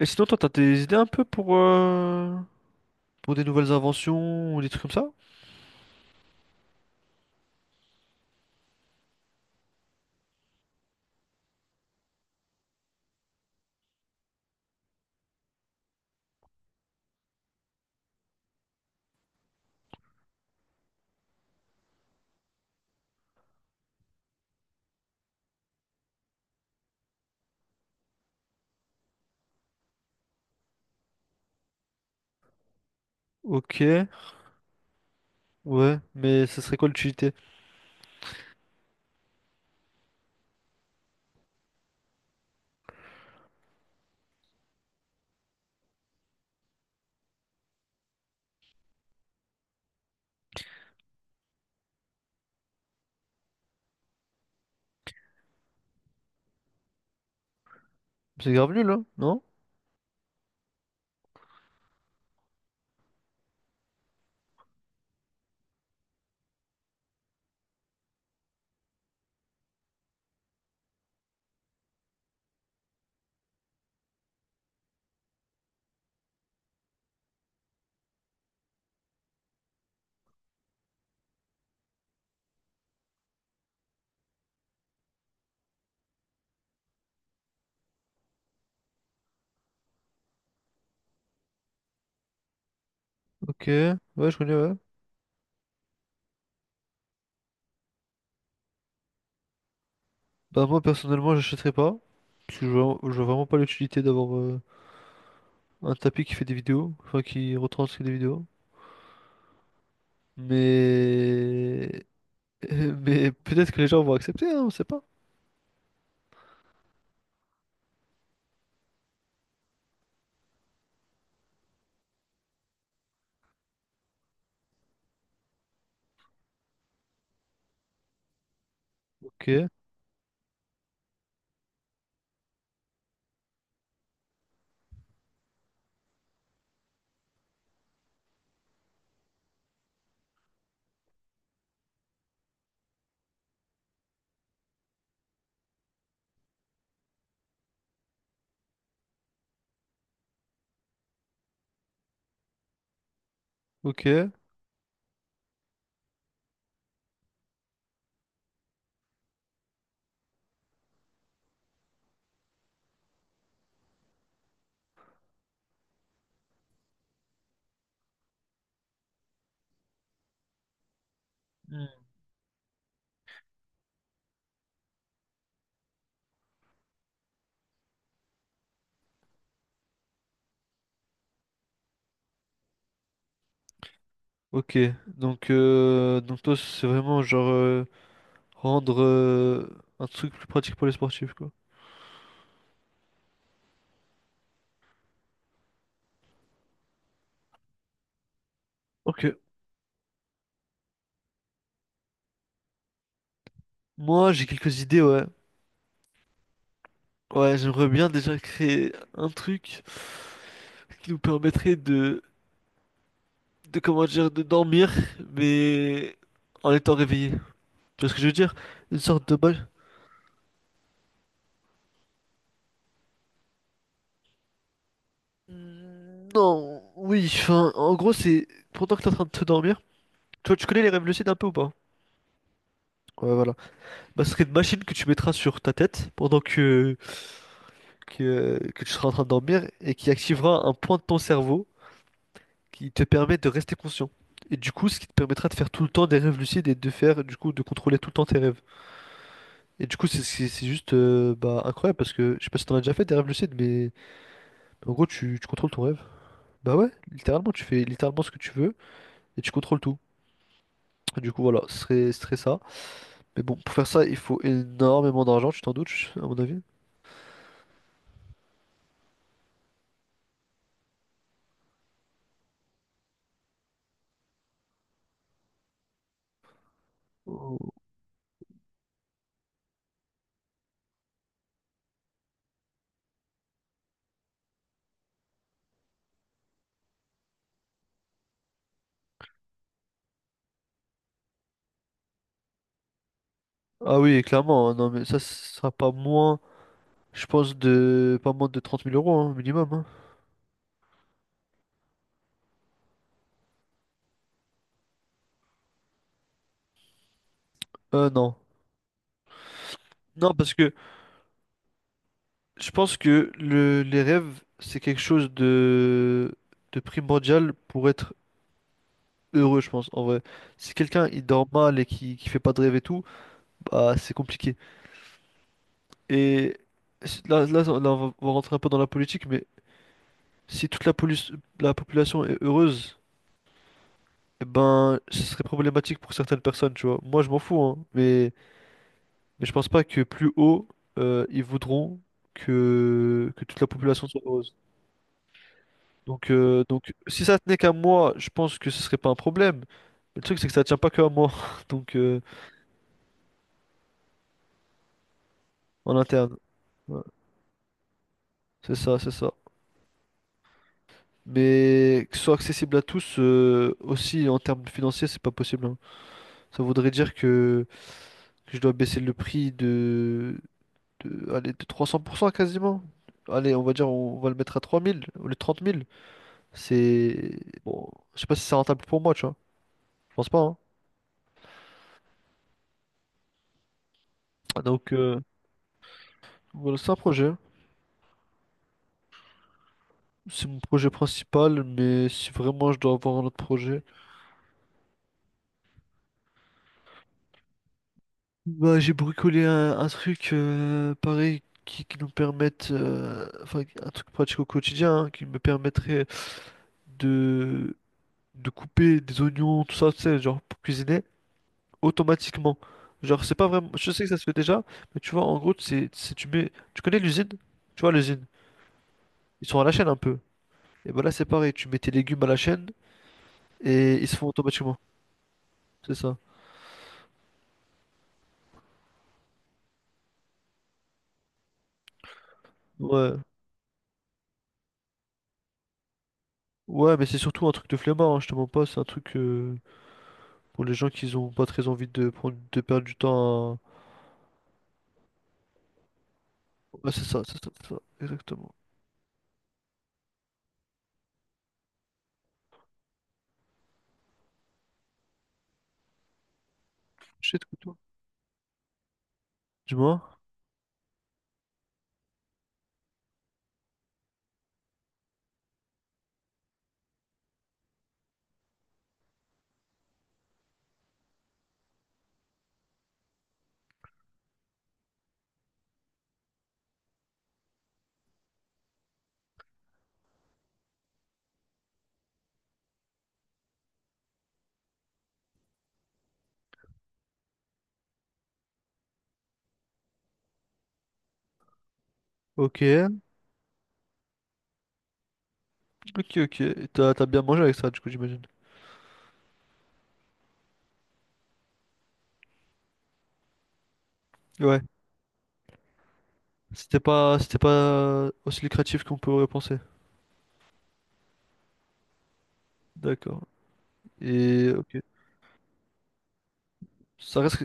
Et sinon, toi, t'as des idées un peu pour des nouvelles inventions ou des trucs comme ça? Ok, ouais, mais ça serait quoi l'utilité? C'est grave nul, hein? Non? Ok, ouais, je connais, ouais. Bah, moi, personnellement, j'achèterais pas. Parce que je vois vraiment pas l'utilité d'avoir un tapis qui fait des vidéos, enfin, qui retranscrit des vidéos. Mais. Mais peut-être que les gens vont accepter, hein, on sait pas. Ok, ok. Hmm. Ok, donc toi, c'est vraiment genre. Rendre un truc plus pratique pour les sportifs, quoi. Ok. Moi, j'ai quelques idées, ouais. Ouais, j'aimerais bien déjà créer un truc qui nous permettrait de comment dire, de dormir, mais en étant réveillé. Tu vois ce que je veux dire? Une sorte de balle. Non, oui, enfin, en gros, c'est pendant que t'es en train de te dormir. Tu vois, tu connais les rêves lucides un peu ou pas? Ouais, voilà. Bah, ce serait une machine que tu mettras sur ta tête pendant que tu seras en train de dormir et qui activera un point de ton cerveau qui te permet de rester conscient. Et du coup, ce qui te permettra de faire tout le temps des rêves lucides et de faire, du coup, de contrôler tout le temps tes rêves. Et du coup, c'est juste bah, incroyable parce que je sais pas si t'en as déjà fait des rêves lucides, mais en gros, tu contrôles ton rêve. Bah ouais, littéralement, tu fais littéralement ce que tu veux et tu contrôles tout. Et du coup, voilà, ce serait ça. Mais bon, pour faire ça, il faut énormément d'argent, tu t'en doutes, à mon avis. Oh. Ah oui, clairement, hein. Non, mais ça, ce sera pas moins, je pense, de pas moins de 30 000 € hein, minimum. Hein. Non. Non, parce que. Je pense que les rêves, c'est quelque chose de primordial pour être heureux, je pense, en vrai. Si quelqu'un, il dort mal et qui fait pas de rêve et tout, bah, c'est compliqué. Et là, on va rentrer un peu dans la politique, mais si la population est heureuse, eh ben, ce serait problématique pour certaines personnes, tu vois. Moi, je m'en fous, hein, mais je pense pas que plus haut, ils voudront que toute la population soit heureuse. Donc, si ça tenait qu'à moi, je pense que ce serait pas un problème. Mais le truc, c'est que ça tient pas que à moi. Donc, en interne. Ouais, c'est ça, c'est ça. Mais que ce soit accessible à tous, aussi en termes financiers, c'est pas possible, hein. Ça voudrait dire que je dois baisser le prix de, allez, de 300% quasiment. Allez, on va dire, on va le mettre à 3000 ou les 30 000. C'est. Bon, je sais pas si c'est rentable pour moi, tu vois. Je pense pas, hein. Donc, voilà, c'est un projet. C'est mon projet principal, mais si vraiment je dois avoir un autre projet, bah j'ai bricolé un truc pareil qui nous permette, enfin un truc pratique au quotidien, hein, qui me permettrait de, de couper des oignons, tout ça, tu sais, genre pour cuisiner automatiquement. Genre c'est pas vraiment, je sais que ça se fait déjà, mais tu vois en gros c'est tu mets, tu connais l'usine? Tu vois l'usine? Ils sont à la chaîne un peu. Et bah là c'est pareil, tu mets tes légumes à la chaîne et ils se font automatiquement, c'est ça. Ouais. Ouais, mais c'est surtout un truc de flemmard, hein, je te mens pas, c'est un truc pour les gens qui ont pas très envie de prendre de perdre du temps à... Ouais, c'est ça, c'est ça, c'est ça, exactement. Shit, que toi. Dis-moi. Ok, ok, ok. Et t'as bien mangé avec ça, du coup, j'imagine. Ouais. C'était pas aussi lucratif qu'on pourrait penser. D'accord. Et ok. Ça reste.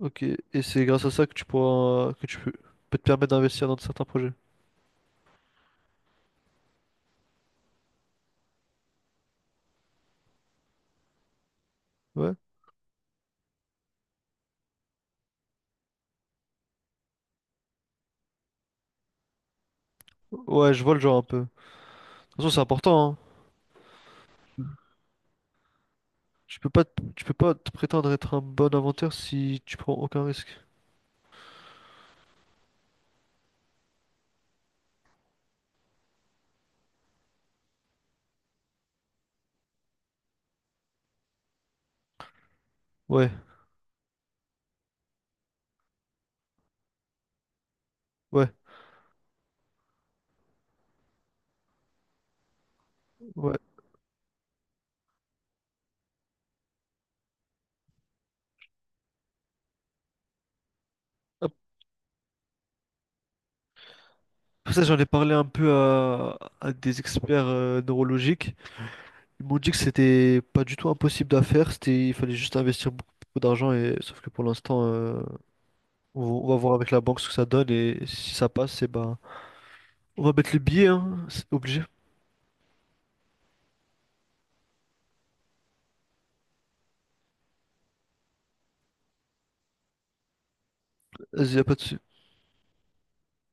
Ok. Et c'est grâce à ça que tu pourras, peut te permettre d'investir dans certains projets. Ouais. Ouais, je vois le genre un peu. De toute façon, c'est important, hein. Tu peux pas, tu peux pas te prétendre être un bon inventeur si tu prends aucun risque. Ouais, ouais, ouais. Hop. Ça, j'en ai parlé un peu à des experts neurologiques. Ils m'ont dit que c'était pas du tout impossible à faire. C'était, il fallait juste investir beaucoup, beaucoup d'argent. Et sauf que pour l'instant, on va voir avec la banque ce que ça donne et si ça passe, c'est bah, on va mettre le billets, hein. C'est obligé. Vas-y, y a pas de sou-